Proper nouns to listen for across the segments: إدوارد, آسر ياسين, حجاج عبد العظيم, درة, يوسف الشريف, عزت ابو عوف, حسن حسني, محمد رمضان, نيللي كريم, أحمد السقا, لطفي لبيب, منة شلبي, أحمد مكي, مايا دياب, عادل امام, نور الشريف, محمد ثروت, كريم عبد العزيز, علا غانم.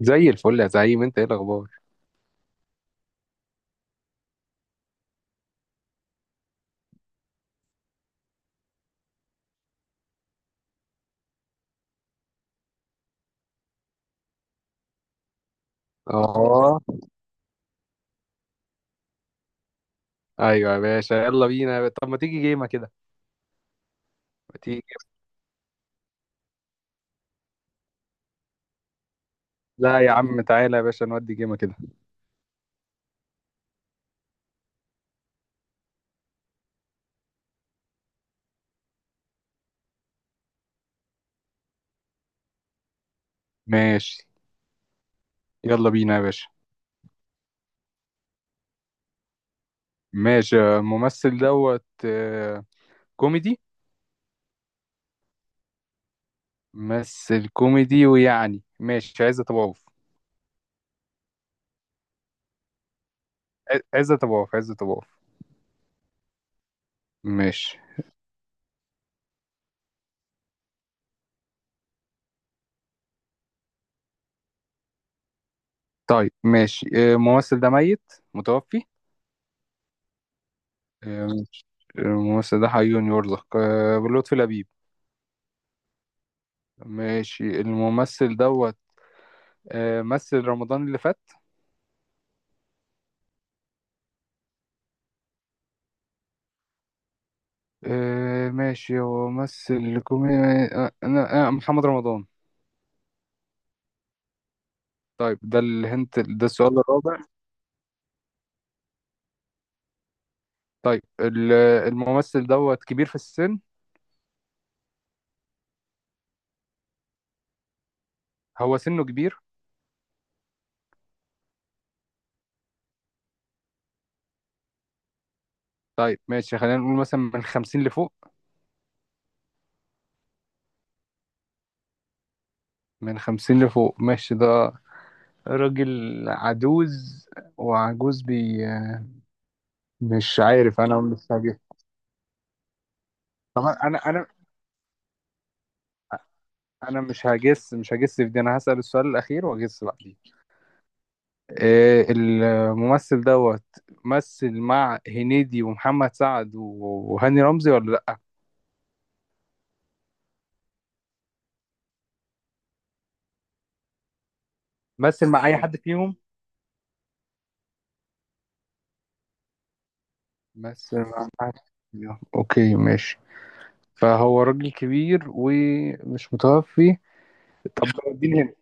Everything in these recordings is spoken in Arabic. زي الفل يا زعيم، انت ايه الاخبار؟ اه، ايوه يا باشا، يلا بينا. طب ما تيجي جيمه كده؟ ما تيجي. لا يا عم، تعالى يا باشا نودي جيمه كده. ماشي. يلا بينا يا باشا. ماشي. الممثل دوت، كوميدي. ممثل كوميدي، ويعني ماشي، عزت ابو عوف. عزت ابو عوف، عزت ابو عوف. ماشي. طيب، ماشي. الممثل ده ميت؟ متوفي؟ آه، ماشي. الممثل ده حي يرزق. لطفي لبيب؟ ماشي، الممثل دوت. مثل رمضان اللي فات؟ آه، ماشي، هو مثل كوميدي. انا محمد رمضان؟ طيب، ده الهنت. ده السؤال الرابع. طيب، الممثل دوت كبير في السن. هو سنه كبير؟ طيب، ماشي، خلينا نقول مثلا من 50 لفوق. من 50 لفوق، ماشي. ده راجل عجوز. وعجوز بي. مش عارف، انا مش هجس. طبعا انا مش هجس، مش هجس في دي. انا هسأل السؤال الاخير واجس بقى. الممثل دوت. مثل مع هنيدي ومحمد سعد وهاني رمزي، ولا لا؟ مثل مع اي حد فيهم؟ مثل مع حد فيهم، اوكي ماشي. فهو راجل كبير ومش متوفي. طب اديني هنت.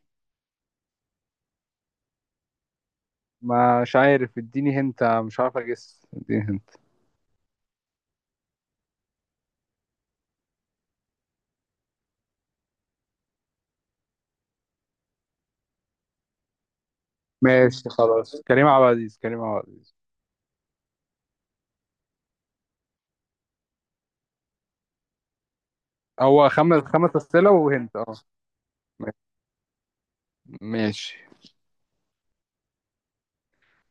مش عارف، اديني هنت، مش عارف اجس، اديني هنت. ماشي، خلاص. كريم عبد العزيز، كريم عبد العزيز! هو خمس خمس اسئله وهنت، اه. ماشي.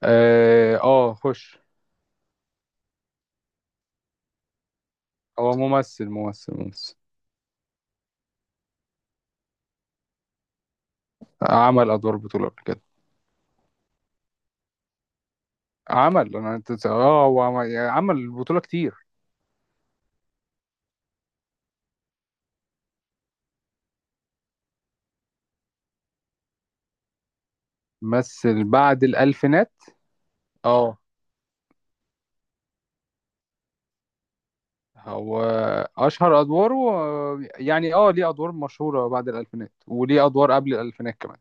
اه، خش. هو ممثل، ممثل، ممثل. عمل ادوار بطوله قبل كده. عمل انا أنت- اه هو عمل، يعني عمل بطوله كتير. مثل بعد الالفينات. اه. هو اشهر ادواره، يعني اه، ليه ادوار مشهوره بعد الالفينات وليه ادوار قبل الالفينات كمان.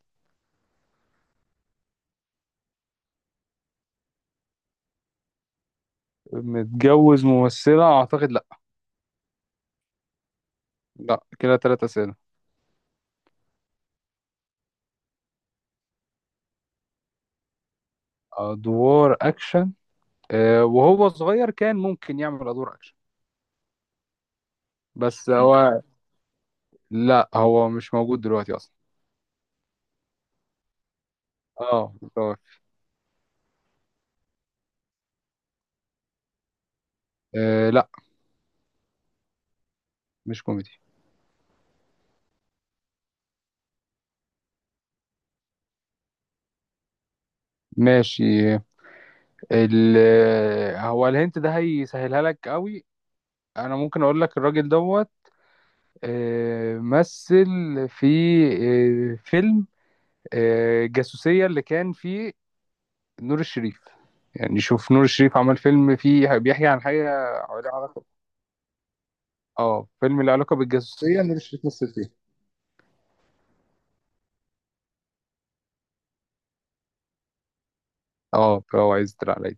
متجوز ممثله؟ اعتقد، لا. لا، كده ثلاثة اسئله. ادوار اكشن؟ وهو صغير كان ممكن يعمل ادوار اكشن. بس هو... لا، هو مش موجود دلوقتي اصلا. اه، متوفي. آه، لا. مش كوميدي. ماشي. ال هو الهنت ده هيسهلها لك قوي. انا ممكن اقول لك الراجل دوت. مثل في فيلم جاسوسية اللي كان فيه نور الشريف. يعني شوف، نور الشريف عمل فيلم فيه بيحكي عن حاجة له علاقة. اه، فيلم له علاقة بالجاسوسية، نور الشريف مثل فيه. اه، فهو عايز تطلع عليا؟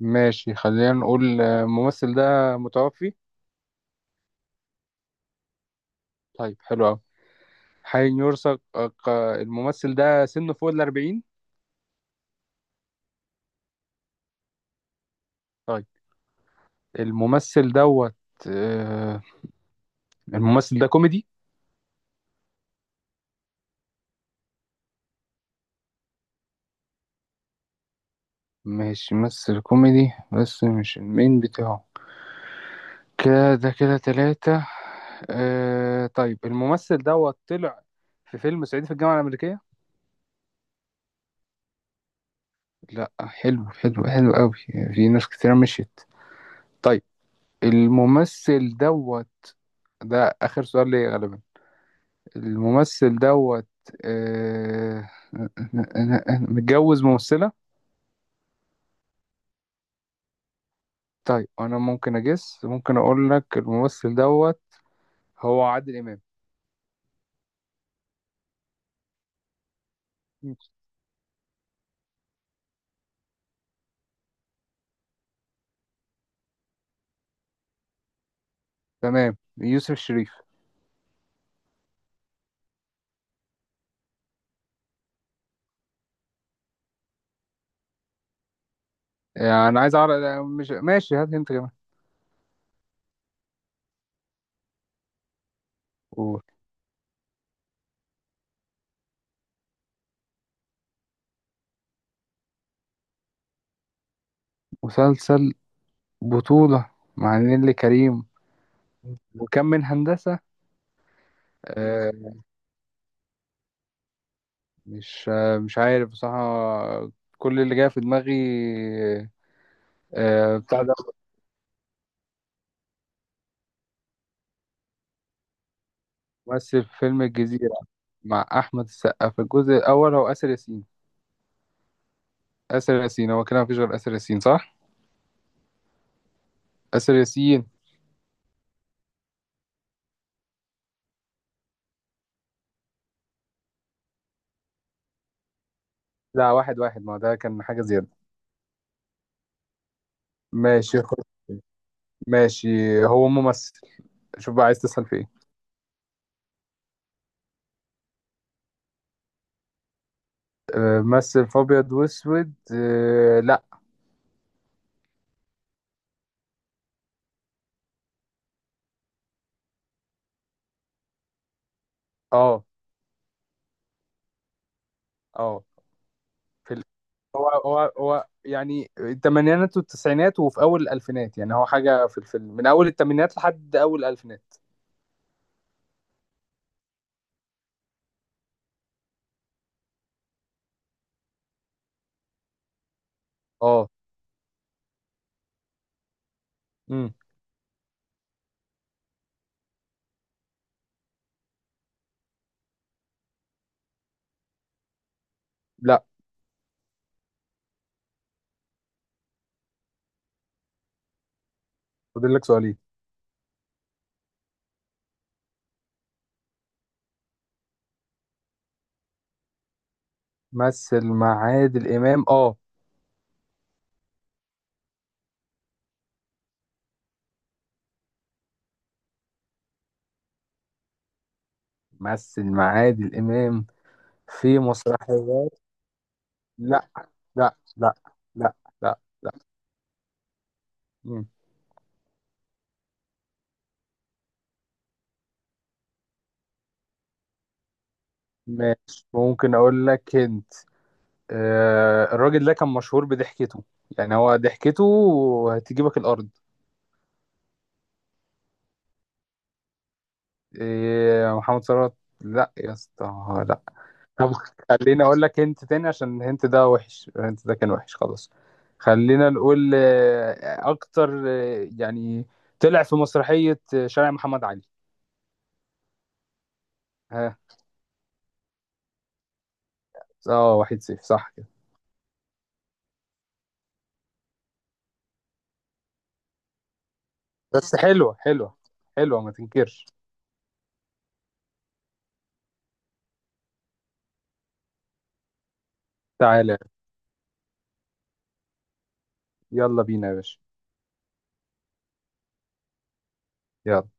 ماشي، خلينا نقول، الممثل ده متوفي؟ طيب، حلو قوي. حين يرثق. الممثل ده سنه فوق 40؟ طيب. الممثل دوت. آه، الممثل ده كوميدي؟ مش ممثل كوميدي بس مش المين بتاعه. كده كده، تلاتة. طيب، الممثل دوت طلع في فيلم صعيدي في الجامعة الأمريكية؟ لا، حلو حلو حلو قوي. في ناس كتير مشيت. طيب. الممثل دوت. ده آخر سؤال ليا غالبا. الممثل دوت. آه... متجوز ممثلة؟ طيب، أنا ممكن أجس، ممكن أقول لك الممثل دوت هو عادل امام. مم. تمام، يوسف الشريف. انا عايز اعرف، مش ماشي، هات انت كمان. قول. مسلسل بطولة مع نيللي كريم. وكم من هندسة؟ آه، مش عارف بصراحة. كل اللي جاي في دماغي. بتاع ده. ممثل في فيلم الجزيرة مع أحمد السقا في الجزء الأول هو آسر ياسين. آسر ياسين، هو كده مفيش غير آسر ياسين، صح؟ آسر ياسين. لا، 1-1. ما هو ده كان حاجة زيادة. ماشي، خد. ماشي. هو ممثل. شوف بقى، عايز تسأل في ايه؟ مثل في ابيض واسود؟ آه، لا. اه. اه. في ال... هو يعني الثمانينات والتسعينات وفي اول الالفينات، يعني هو حاجة في الفيلم من اول الثمانينات لحد اول الالفينات. اه. امم لا، فاضل لك سؤالين. مثل مع عادل امام، اه. مثل مع عادل امام في مسرحيات؟ لا. لا، لا. لا. لا لا مم. ماشي، ممكن اقول لك هند. الراجل ده كان مشهور بضحكته. يعني هو ضحكته هتجيبك الارض. إيه محمد ثروت؟ لا يا اسطى. لا. طب، خليني اقول لك هنت تاني عشان الهنت ده وحش. الهنت ده كان وحش خلاص. خلينا نقول، اكتر، يعني طلع في مسرحية شارع محمد علي؟ ها؟ اه، 1-0، صح كده؟ بس حلوة حلوة. حلوة، ما تنكرش. تعالى. يلا بينا يا باشا. يلا.